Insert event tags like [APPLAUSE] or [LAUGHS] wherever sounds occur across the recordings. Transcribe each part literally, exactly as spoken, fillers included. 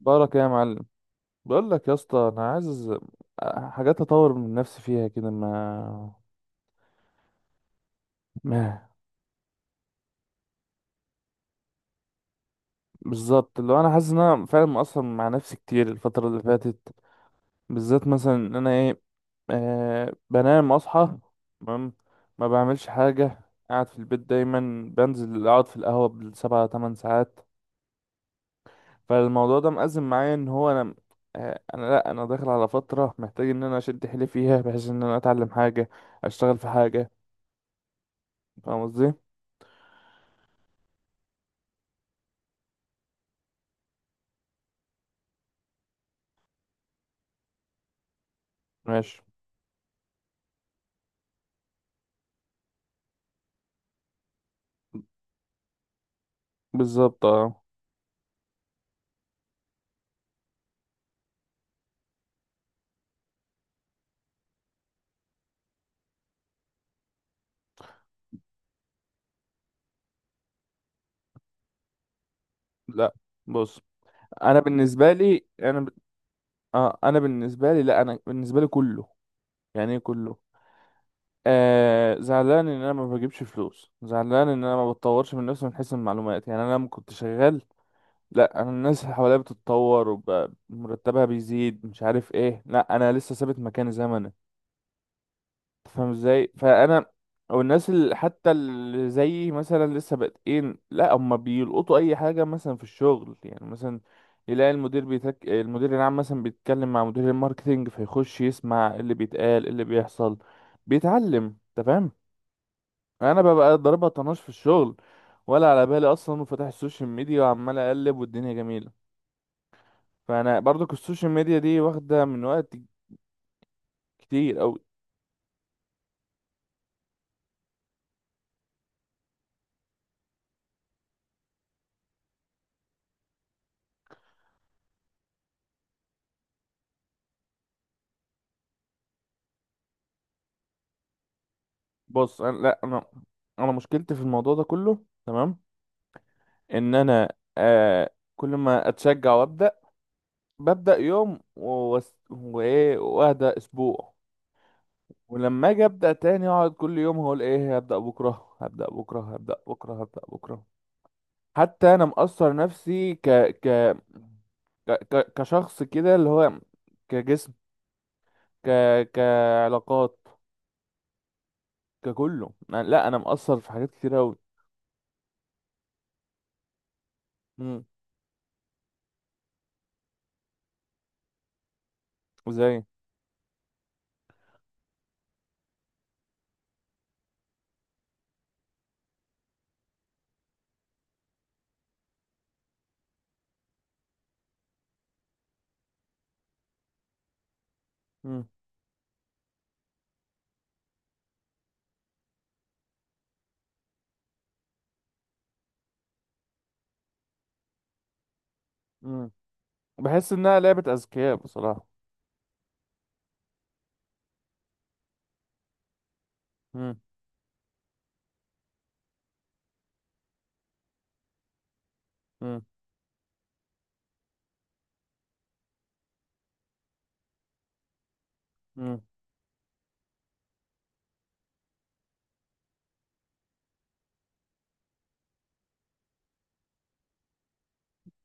بارك يا معلم. بقول لك يا اسطى انا عايز حاجات اطور من نفسي فيها كده ما ما بالظبط اللي هو انا حاسس ان انا فعلا مقصر مع نفسي كتير الفتره اللي فاتت، بالذات مثلا ان انا ايه، آه بنام اصحى تمام ما بعملش حاجه، قاعد في البيت دايما بنزل اقعد في القهوه بالسبع تمن ساعات. فالموضوع ده مأزم معايا ان هو انا آه انا لا انا داخل على فتره محتاج ان انا اشد حيلي فيها بحيث ان انا اتعلم حاجه، اشتغل في حاجه، فاهم قصدي؟ ماشي، بالظبط اه. لا بص، انا بالنسبه لي انا ب... آه انا بالنسبه لي لا انا بالنسبه لي كله، يعني ايه كله، آه زعلان ان انا ما بجيبش فلوس، زعلان ان انا ما بتطورش من نفسي من حيث المعلومات. يعني انا لما كنت شغال، لا انا الناس اللي حواليا بتتطور ومرتبها بيزيد مش عارف ايه، لا انا لسه ثابت مكاني زي ما أنا. فاهم ازاي؟ فانا او الناس اللي حتى اللي زيي مثلا لسه بادئين، لا هم بيلقطوا اي حاجه مثلا في الشغل. يعني مثلا يلاقي المدير بيتك... المدير العام مثلا بيتكلم مع مدير الماركتينج فيخش يسمع اللي بيتقال اللي بيحصل بيتعلم، انت فاهم؟ انا ببقى ضاربها طناش في الشغل، ولا على بالي اصلا، وفتح السوشيال ميديا وعمال اقلب والدنيا جميله. فانا برضك السوشيال ميديا دي واخده من وقت كتير او. بص انا لا انا انا مشكلتي في الموضوع ده كله، تمام؟ ان انا آه كل ما اتشجع وابدا ببدا يوم و- وس- وايه واهدى اسبوع، ولما اجي ابدا تاني اقعد كل يوم هقول ايه: هبدا بكره، هبدا بكره، هبدا بكره، هبدا بكره. حتى انا مقصر نفسي ك ك ك ك- كشخص كده، اللي هو كجسم، ك كعلاقات، ككله أنا- لا انا مقصر في حاجات كتير قوي. امم، وزي. امم، امم، بحس انها لعبة اذكياء بصراحة. امم، امم، امم،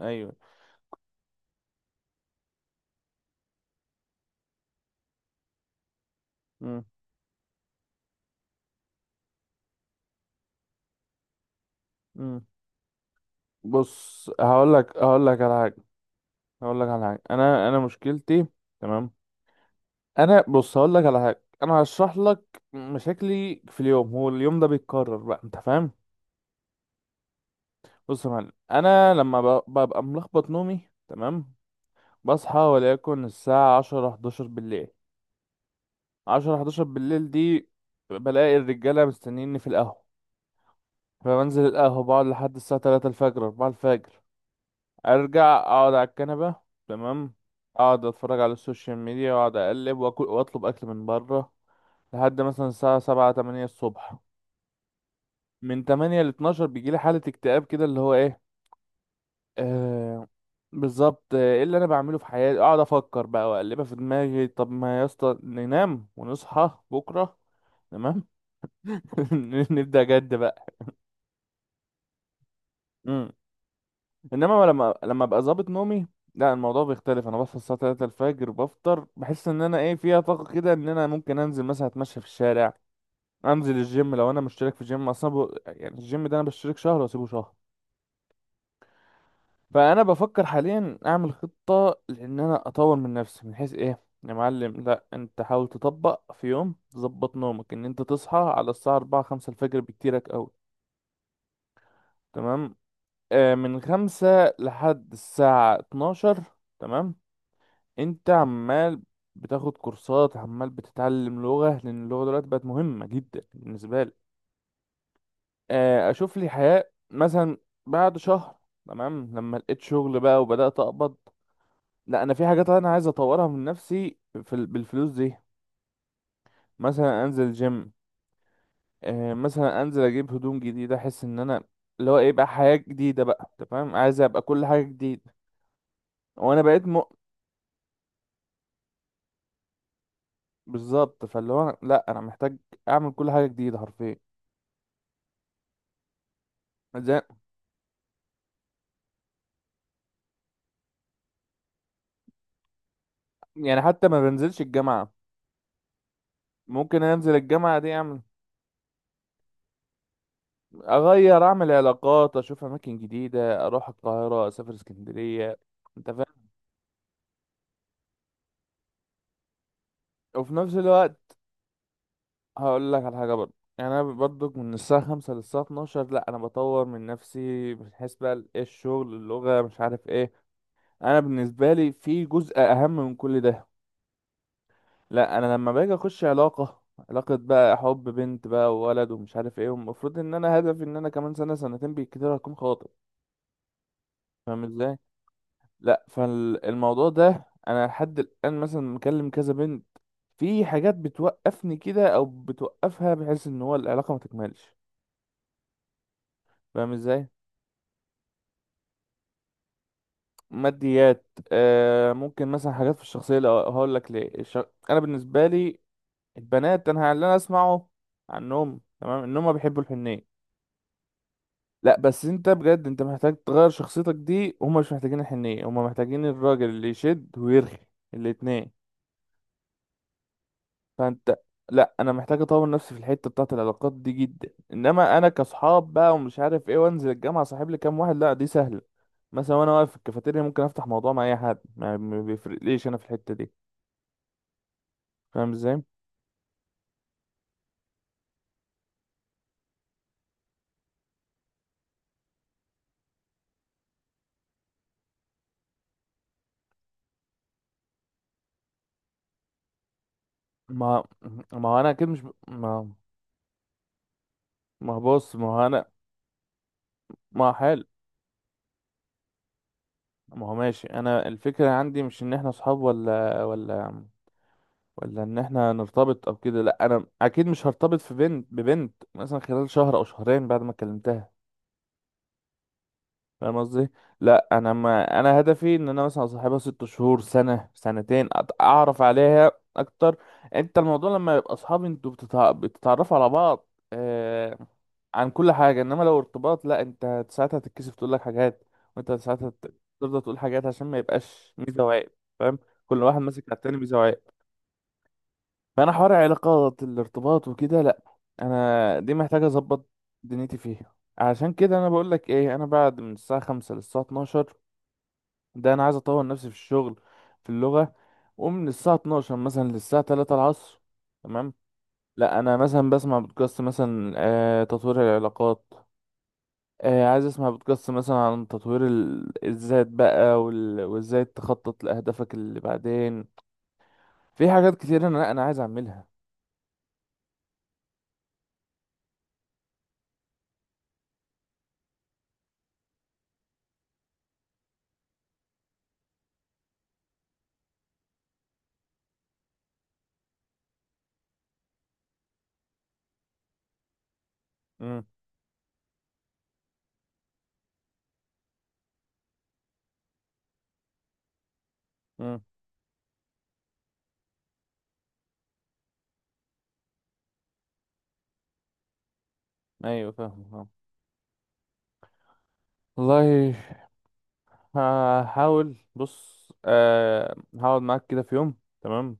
ايوه. مم. مم. بص هقول لك هقول لك على حاجه هقول لك على حاجه انا انا مشكلتي، تمام. انا بص هقول لك على حاجه، انا هشرح لك مشاكلي في اليوم، هو اليوم ده بيتكرر بقى، انت فاهم؟ بص يا معلم، انا لما ب- ببقى ملخبط نومي، تمام، بصحى وليكن الساعه عشرة حداشر بالليل. عشرة حداشر بالليل دي بلاقي الرجاله مستنيني في القهوه، فبنزل القهوه بقعد لحد الساعه تلاتة الفجر أربعة الفجر، ارجع اقعد على الكنبه، تمام، اقعد اتفرج على السوشيال ميديا واقعد اقلب واكل واطلب اكل من بره لحد مثلا الساعه سبعة تمانية الصبح. من تمانية ل اتناشر بيجيلي حاله اكتئاب كده، اللي هو ايه، آه بالظبط آه، ايه اللي انا بعمله في حياتي؟ اقعد افكر بقى واقلبها في دماغي. طب ما يا اسطى ننام ونصحى بكره، تمام، [LAUGHS] نبدا جد بقى. انما لما لما ابقى ظابط نومي لا الموضوع بيختلف، انا بصحى الساعه تلاتة الفجر بفطر بحس ان انا ايه فيها طاقه كده ان انا ممكن انزل مثلا اتمشى في الشارع، انزل الجيم لو انا مشترك في جيم اصلا ب... يعني الجيم ده انا بشترك شهر واسيبه شهر. فانا بفكر حاليا اعمل خطه لان انا اطور من نفسي من حيث ايه يا معلم. لا انت حاول تطبق في يوم تظبط نومك ان انت تصحى على الساعه أربعة خمسة الفجر بكتيرك قوي، تمام، آه من خمسة لحد الساعه اتناشر، تمام، انت عمال بتاخد كورسات عمال بتتعلم لغة لان اللغة دلوقتي بقت مهمة جدا بالنسبة لي. آه، اشوف لي حياة مثلا بعد شهر، تمام، لما لقيت شغل بقى وبدأت اقبض لا انا في حاجات انا عايز اطورها من نفسي في ال- بالفلوس دي. مثلا انزل جيم، آه، مثلا انزل اجيب هدوم جديدة، احس ان انا اللي هو ايه بقى حياة جديدة بقى، تمام، عايز ابقى كل حاجة جديدة. وانا بقيت مؤ، بالظبط، فاللي هو أنا- لا انا محتاج اعمل كل حاجة جديدة حرفيا. زي، يعني حتى ما بنزلش الجامعة. ممكن انزل الجامعة دي اعمل، اغير، اعمل علاقات، اشوف اماكن جديدة، اروح القاهرة، اسافر اسكندرية. انت فاهم؟ وفي نفس الوقت هقول لك على حاجة برضه، يعني انا برضه من الساعة خمسة للساعة اتناشر لا انا بطور من نفسي من حيث بقى ال- ايه الشغل، اللغة، مش عارف ايه. انا بالنسبة لي في جزء اهم من كل ده، لا انا لما باجي اخش علاقة، علاقة بقى حب، بنت بقى وولد ومش عارف ايه، والمفروض ان انا هدفي ان انا كمان سنة سنتين بالكتير هكون خاطب، فاهم ازاي؟ لا فالموضوع ده انا لحد الان مثلا مكلم كذا بنت، في حاجات بتوقفني كده او بتوقفها بحيث ان هو العلاقه ما تكملش، فاهم ازاي؟ ماديات، آه ممكن مثلا حاجات في الشخصيه. لو هقول لك ليه الش... انا بالنسبه لي البنات، انا اللي انا اسمعه عنهم تمام ان هم بيحبوا الحنيه، لا بس انت بجد انت محتاج تغير شخصيتك دي، هم مش محتاجين الحنيه، هم محتاجين الراجل اللي يشد ويرخي الاتنين. فانت، لا انا محتاج اطور نفسي في الحته بتاعه العلاقات دي جدا، انما انا كصحاب بقى ومش عارف ايه، وانزل الجامعه صاحب لي كام واحد لا دي سهله، مثلا وانا واقف في الكافيتيريا ممكن افتح موضوع مع اي حد، ما ما بيفرقليش انا في الحته دي، فاهم ازاي؟ ما ما هو انا اكيد مش ب... ما ما هو بص ما هو انا ما هو حلو ما هو ماشي، انا الفكره عندي مش ان احنا صحاب ولا ولا ولا ان احنا نرتبط او كده، لا انا اكيد مش هرتبط في بنت ببنت مثلا خلال شهر او شهرين بعد ما كلمتها، فاهم قصدي؟ لا انا ما انا هدفي ان انا مثلا اصاحبها ست شهور سنه سنتين، أت- اعرف عليها اكتر. انت الموضوع لما يبقى اصحاب انتوا بتتع- بتتعرفوا على بعض آه عن كل حاجه، انما لو ارتباط لا انت ساعتها تتكسف تقول لك حاجات، وانت ساعتها ت- تفضل تقول حاجات عشان ما يبقاش ميزه وعيب، فاهم؟ كل واحد ماسك على التاني ميزه وعيب. فانا حوار علاقات الارتباط وكده لا، انا دي محتاجه اظبط دنيتي فيها، عشان كده انا بقول لك ايه، انا بعد من الساعه خمسة للساعه اتناشر ده انا عايز اطور نفسي في الشغل، في اللغه، ومن الساعه اتناشر مثلا للساعه تلاتة العصر، تمام، لا انا مثلا بسمع بودكاست مثلا آه تطوير العلاقات، آه عايز اسمع بودكاست مثلا عن تطوير ال- الذات بقى وال- وازاي تخطط لاهدافك اللي بعدين. في حاجات كتير انا انا عايز اعملها. امم، امم، ايوه فاهم فاهم. والله هحاول، بص آه هقعد معاك كده في يوم، تمام،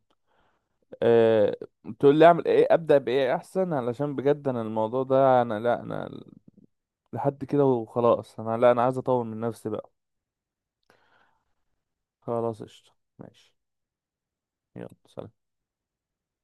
آه، تقول لي اعمل ايه، ابدا بايه احسن، علشان بجد انا الموضوع ده انا لا انا لحد كده وخلاص انا لا انا عايز اطور من نفسي بقى. خلاص قشطة، ماشي، يلا سلام.